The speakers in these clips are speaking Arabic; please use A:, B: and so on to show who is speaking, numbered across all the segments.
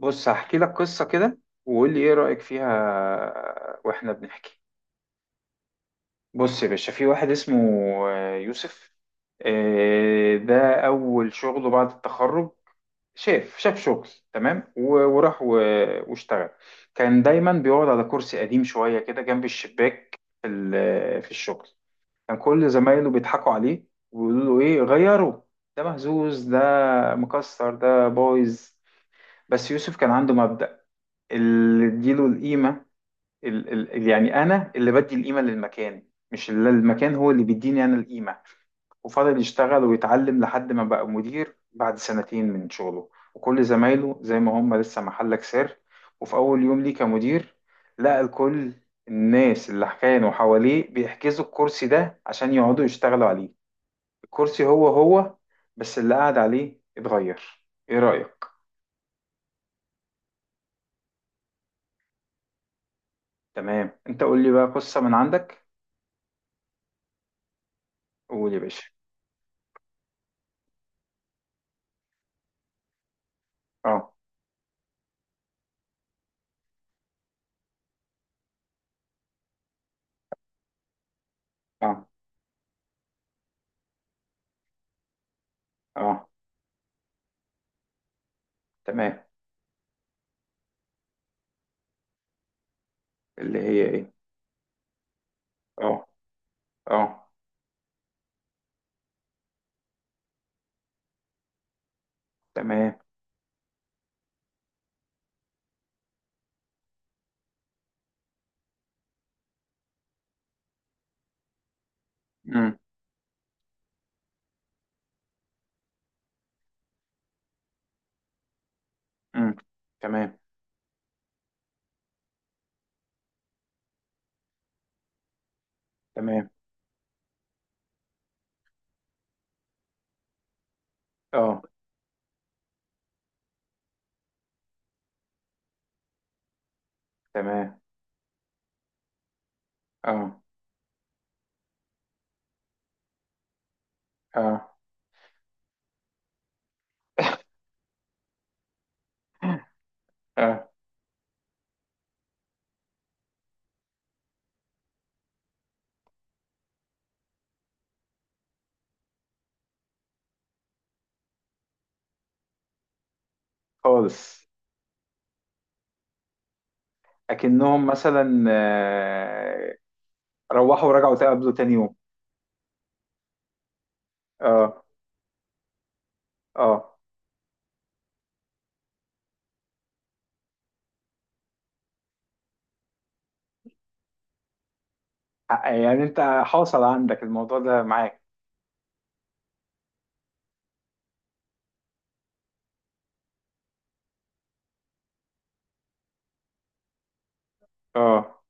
A: بص، هحكي لك قصة كده، وقول لي ايه رأيك فيها واحنا بنحكي. بص يا باشا، في واحد اسمه يوسف. ده اول شغله بعد التخرج. شاف شغل، تمام، وراح واشتغل. كان دايما بيقعد على كرسي قديم شوية كده جنب الشباك في في الشغل. كان كل زمايله بيضحكوا عليه ويقولوا له: ايه غيره؟ ده مهزوز، ده مكسر، ده بايظ. بس يوسف كان عنده مبدأ: اللي اديله القيمه. ال ال يعني انا اللي بدي القيمه للمكان، مش اللي المكان هو اللي بيديني انا القيمه. وفضل يشتغل ويتعلم لحد ما بقى مدير بعد سنتين من شغله، وكل زمايله زي ما هم لسه محلك سر. وفي اول يوم ليه كمدير لقى الكل، الناس اللي كانوا حواليه بيحجزوا الكرسي ده عشان يقعدوا يشتغلوا عليه. الكرسي هو هو، بس اللي قاعد عليه اتغير. ايه رأيك؟ تمام، انت قول لي بقى قصة من عندك. قول يا باشا. اه، اه، اه. تمام. اللي هي ايه. اه، اه. تمام. امم، امم. تمام، تمام. اه. تمام. اه، اه، اه. خالص. اكنهم مثلا روحوا ورجعوا تقابلوا تاني يوم. اه، اه. يعني انت حاصل عندك الموضوع ده معاك. اه.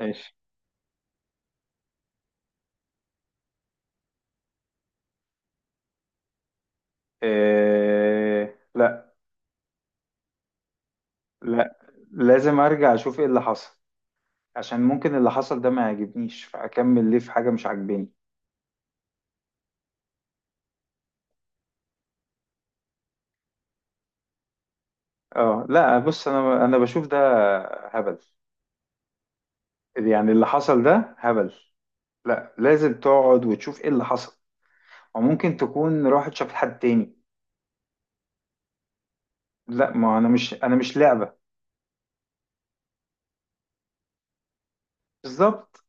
A: ماشي. لا. لا، لازم ارجع اشوف ايه اللي حصل، عشان ممكن اللي حصل ده ما يعجبنيش، فاكمل ليه في حاجة مش عاجباني. اه، لا، بص، انا بشوف ده هبل. يعني اللي حصل ده هبل، لا، لازم تقعد وتشوف ايه اللي حصل، وممكن تكون راحت شافت حد تاني. لا، ما انا مش لعبة. بالظبط.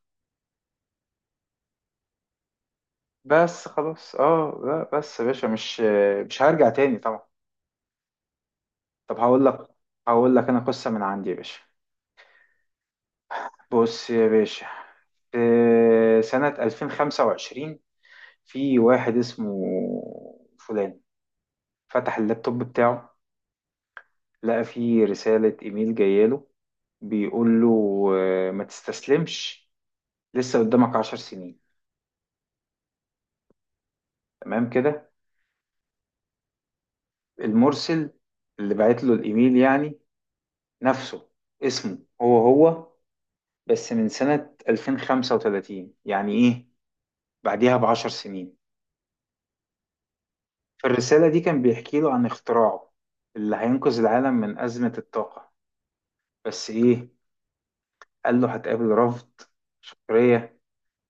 A: بس خلاص، اه، لا، بس يا باشا، مش هرجع تاني طبعا. طب هقول لك. هقول لك انا قصة من عندي يا باشا. بص يا باشا، في سنة 2025، في واحد اسمه فلان، فتح اللابتوب بتاعه، لقى في رسالة إيميل جاية له بيقول له: ما تستسلمش، لسه قدامك 10 سنين. تمام كده. المرسل اللي بعت له الإيميل يعني نفسه، اسمه هو هو، بس من سنة 2035، يعني إيه، بعديها ب10 سنين. في الرسالة دي كان بيحكي له عن اختراعه اللي هينقذ العالم من أزمة الطاقة، بس إيه، قال له: هتقابل رفض، سخرية،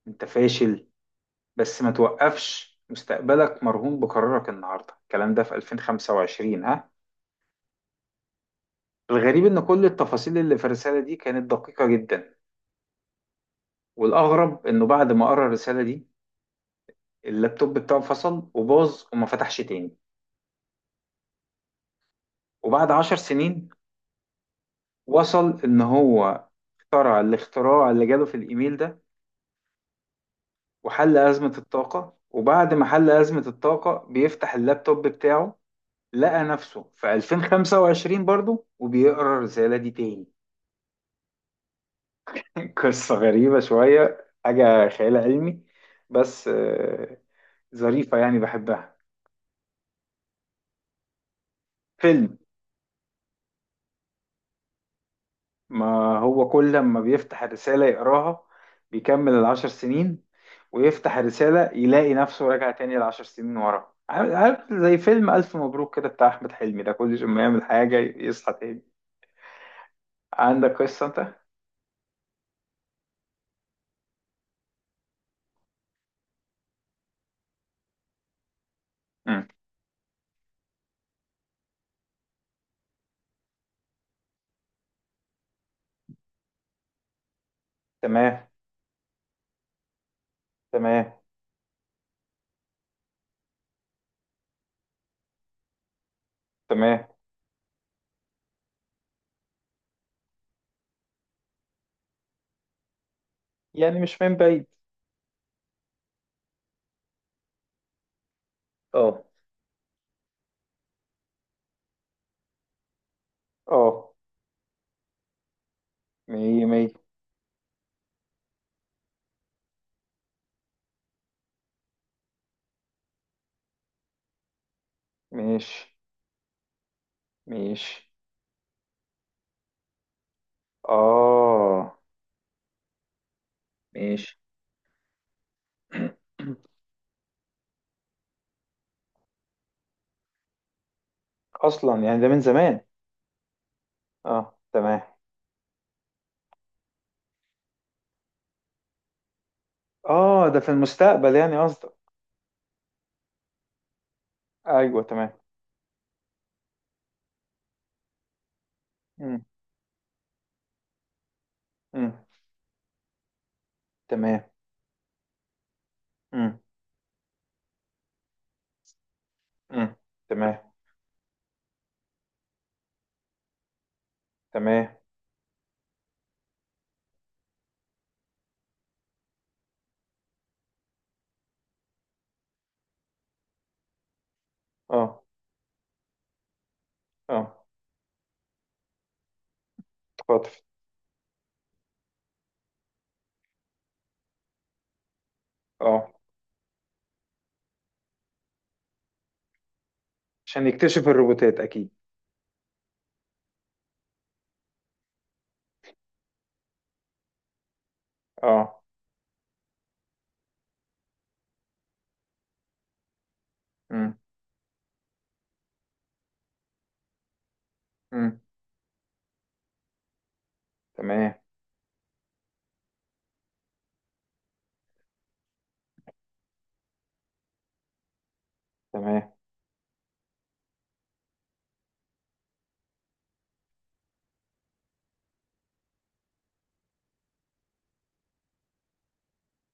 A: أنت فاشل، بس ما توقفش، مستقبلك مرهون بقرارك النهارده. الكلام ده في 2025 ها. الغريب ان كل التفاصيل اللي في الرساله دي كانت دقيقه جدا، والاغرب انه بعد ما قرا الرساله دي اللابتوب بتاعه فصل وباظ وما فتحش تاني. وبعد 10 سنين وصل ان هو اخترع الاختراع اللي جاله في الايميل ده، وحل ازمه الطاقه، وبعد ما حل ازمه الطاقه بيفتح اللابتوب بتاعه، لقى نفسه في 2025 برضه وبيقرا الرساله دي تاني. قصة غريبة شوية، حاجة خيال علمي، بس ظريفة يعني بحبها، فيلم. ما هو كل لما بيفتح الرسالة يقراها بيكمل ال10 سنين، ويفتح الرسالة يلاقي نفسه راجع تاني ال10 سنين ورا، عارف زي فيلم ألف مبروك كده بتاع أحمد حلمي ده، كل ما يعمل حاجة يصحى تاني. عندك قصة أنت؟ مم. تمام، تمام، تمام. يعني مش من بعيد. اه، اه. مية مية. ماشي، ماشي. اه. ماشي. اصلا يعني ده من زمان. اه، تمام. اه، ده في المستقبل يعني قصدك. ايوه، تمام. امم، امم. تمام. امم، امم. تمام، تمام. اه، اه. خاطر. اه. عشان يكتشف الروبوتات اكيد. اه. امم، امم. تمام، تمام.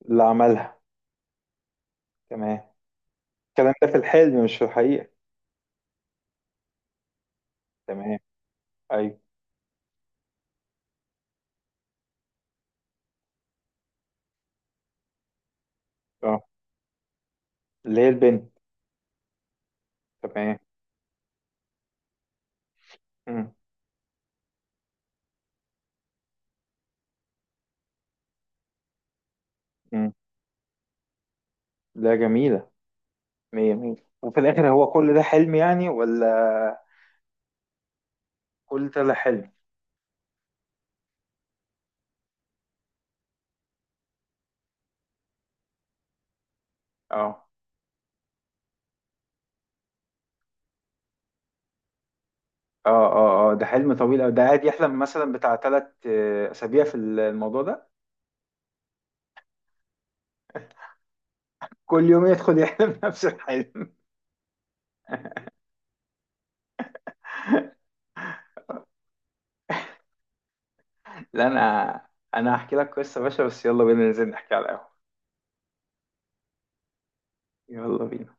A: اللي عملها. تمام. الكلام ده في الحلم مش في الحقيقة. تمام. ايوه. اه. اللي هي البنت. تمام. امم، امم. لا، جميلة، مية مية. وفي الآخر هو كل ده حلم يعني، ولا كل ده لا حلم؟ اه، اه، اه، اه، ده حلم طويل أوي، ده قاعد يحلم مثلا بتاع 3 أسابيع في الموضوع ده. كل يوم يدخل يحلم نفس الحلم. لا، أنا هحكي لك قصة يا باشا، بس يلا بينا ننزل نحكي على القهوة. يلا بينا.